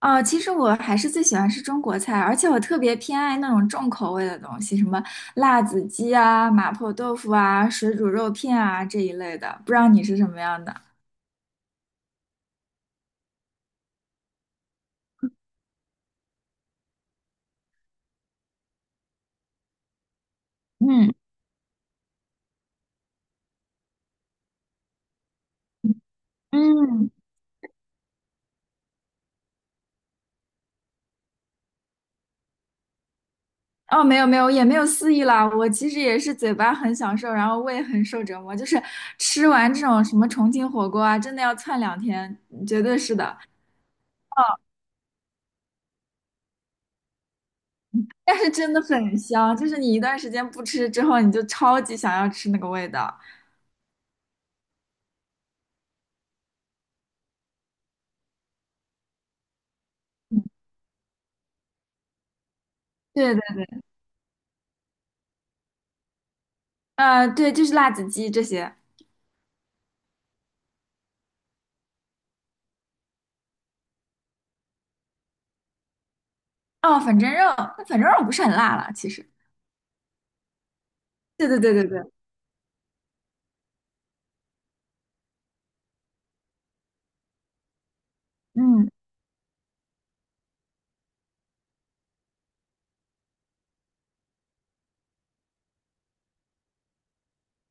哦，其实我还是最喜欢吃中国菜，而且我特别偏爱那种重口味的东西，什么辣子鸡啊、麻婆豆腐啊、水煮肉片啊这一类的。不知道你是什么样的？嗯嗯，哦，没有没有，也没有肆意啦。我其实也是嘴巴很享受，然后胃很受折磨，就是吃完这种什么重庆火锅啊，真的要窜两天，绝对是的。哦，但是真的很香，就是你一段时间不吃之后，你就超级想要吃那个味道。嗯，对的。对，就是辣子鸡这些。哦，粉蒸肉，那粉蒸肉不是很辣了，其实。对对对对对，嗯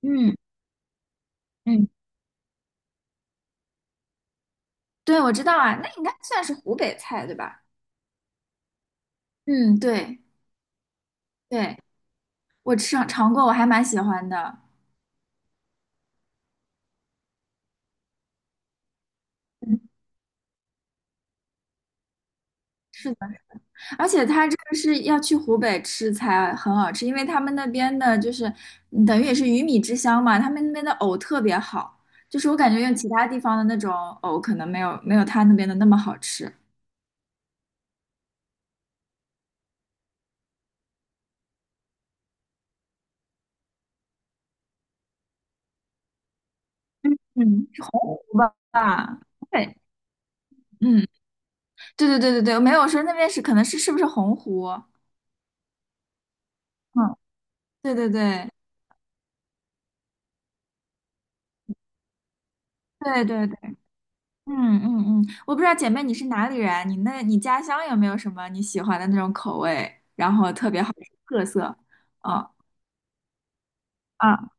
嗯嗯，对，我知道啊，那应该算是湖北菜，对吧？嗯，对对，我尝过，我还蛮喜欢的。嗯，是的，而且它这个是要去湖北吃才很好吃，因为他们那边的就是等于也是鱼米之乡嘛，他们那边的藕特别好，就是我感觉用其他地方的那种藕可能没有他那边的那么好吃。嗯，是洪湖吧？对，嗯，对对对对对，没有说那边是可能是不是洪湖？嗯，对对对对对对，嗯嗯嗯，我不知道姐妹你是哪里人，你家乡有没有什么你喜欢的那种口味，然后特别好吃特色？哦，啊，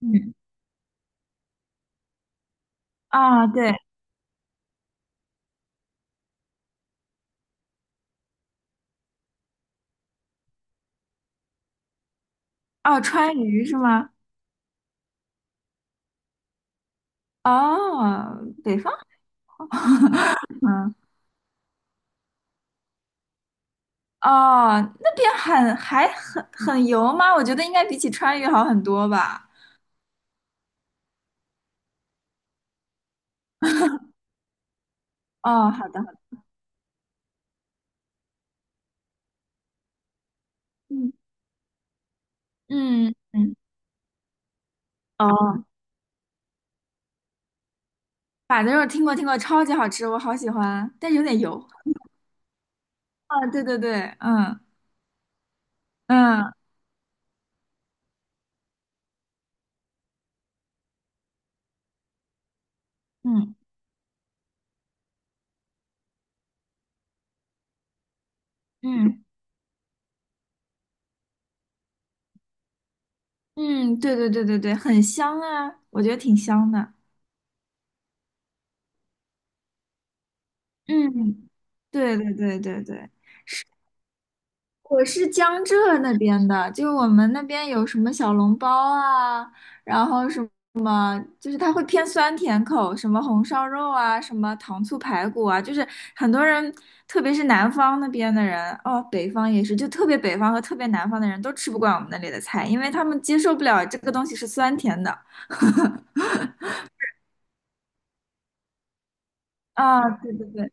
嗯，啊，对，哦，川渝是吗？哦，北方，嗯，哦，那边还很油吗？我觉得应该比起川渝好很多吧。哦，好的好的，嗯嗯嗯，哦，板子肉听过听过，超级好吃，我好喜欢，但是有点油。啊，对对对，嗯嗯嗯嗯嗯，对对对对对，很香啊，我觉得挺香的。嗯，对对对对对，是我是江浙那边的，就我们那边有什么小笼包啊，然后什么。就是它会偏酸甜口，什么红烧肉啊，什么糖醋排骨啊，就是很多人，特别是南方那边的人，哦，北方也是，就特别北方和特别南方的人都吃不惯我们那里的菜，因为他们接受不了这个东西是酸甜的。啊，对对对，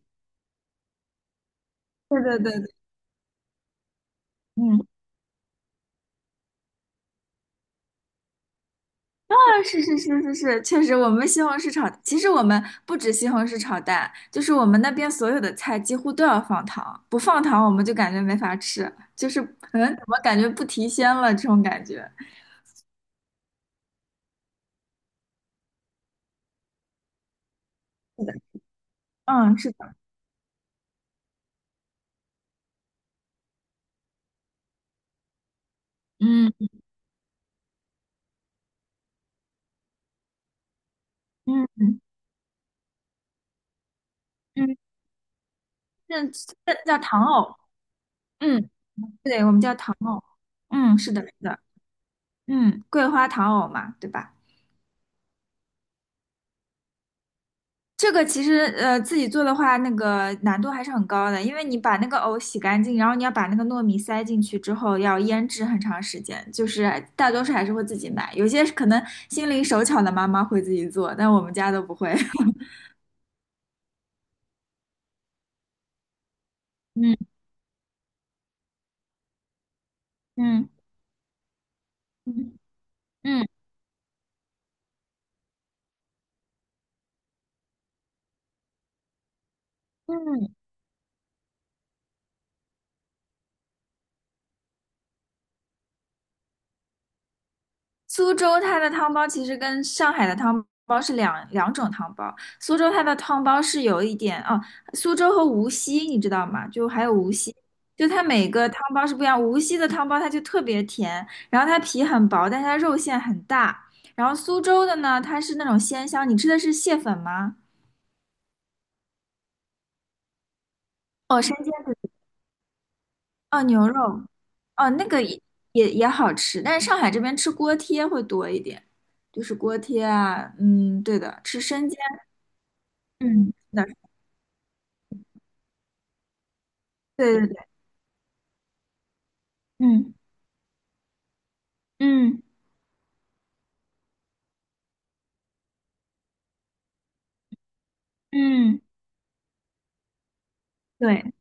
对对对对，嗯，啊，是是是是是，确实。我们西红柿炒，其实我们不止西红柿炒蛋，就是我们那边所有的菜几乎都要放糖，不放糖我们就感觉没法吃，就是怎么感觉不提鲜了这种感觉。嗯，是的，嗯嗯嗯，嗯，那那叫糖藕，嗯，对，我们叫糖藕。嗯，是的，是的，嗯，桂花糖藕嘛，对吧？这个其实自己做的话，那个难度还是很高的，因为你把那个藕洗干净，然后你要把那个糯米塞进去之后，要腌制很长时间。就是大多数还是会自己买，有些可能心灵手巧的妈妈会自己做，但我们家都不会。嗯嗯嗯嗯，苏州它的汤包其实跟上海的汤包是两种汤包。苏州它的汤包是有一点哦，苏州和无锡你知道吗？就还有无锡，就它每个汤包是不一样。无锡的汤包它就特别甜，然后它皮很薄，但它肉馅很大。然后苏州的呢，它是那种鲜香。你吃的是蟹粉吗？哦，生煎子，哦，牛肉，哦，那个也好吃，但是上海这边吃锅贴会多一点，就是锅贴啊，嗯，对的，吃生煎。嗯，那，对对对，嗯嗯嗯，对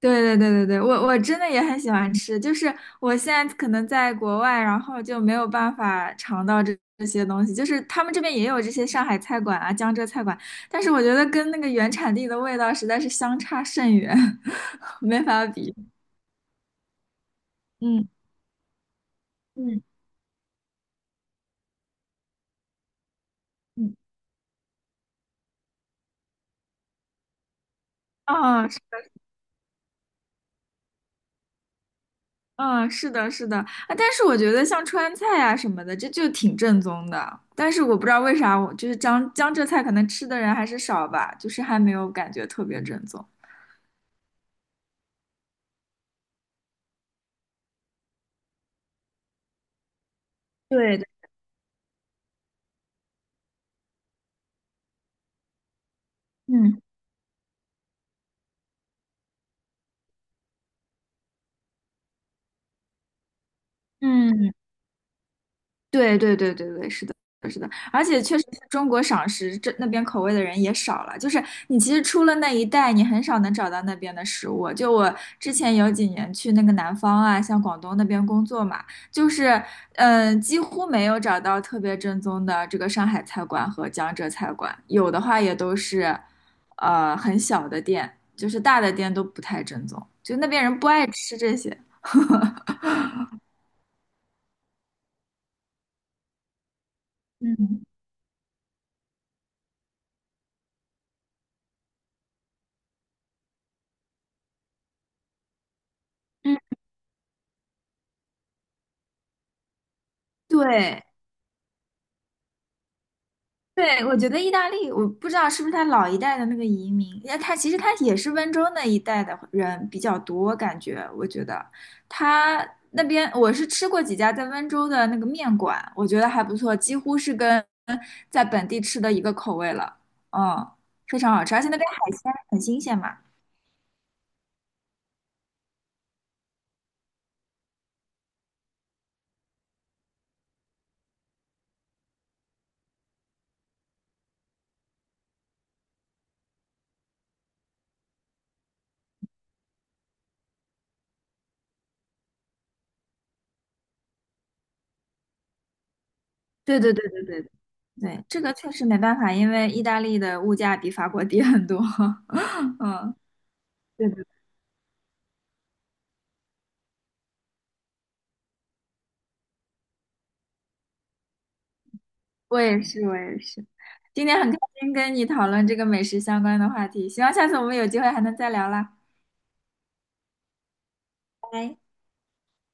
对对对对对，我真的也很喜欢吃，就是我现在可能在国外，然后就没有办法尝到这些东西，就是他们这边也有这些上海菜馆啊、江浙菜馆，但是我觉得跟那个原产地的味道实在是相差甚远，没法比。嗯嗯嗯，哦，嗯，是的，是的，啊，但是我觉得像川菜啊什么的，这就挺正宗的。但是我不知道为啥我，就是江浙菜可能吃的人还是少吧，就是还没有感觉特别正宗。对的，嗯嗯。对对对对对，是的，是的，而且确实是中国赏识那边口味的人也少了。就是你其实出了那一带，你很少能找到那边的食物。就我之前有几年去那个南方啊，像广东那边工作嘛，就是几乎没有找到特别正宗的这个上海菜馆和江浙菜馆，有的话也都是很小的店，就是大的店都不太正宗，就那边人不爱吃这些。嗯嗯，对，对，我觉得意大利，我不知道是不是他老一代的那个移民，那他其实他也是温州那一带的人比较多，感觉我觉得他那边我是吃过几家在温州的那个面馆，我觉得还不错，几乎是跟在本地吃的一个口味了，嗯，非常好吃，而且那边海鲜很新鲜嘛。对对对对对对，这个确实没办法，因为意大利的物价比法国低很多，嗯，对的。我也是，我也是。今天很开心跟你讨论这个美食相关的话题，希望下次我们有机会还能再聊啦。拜拜。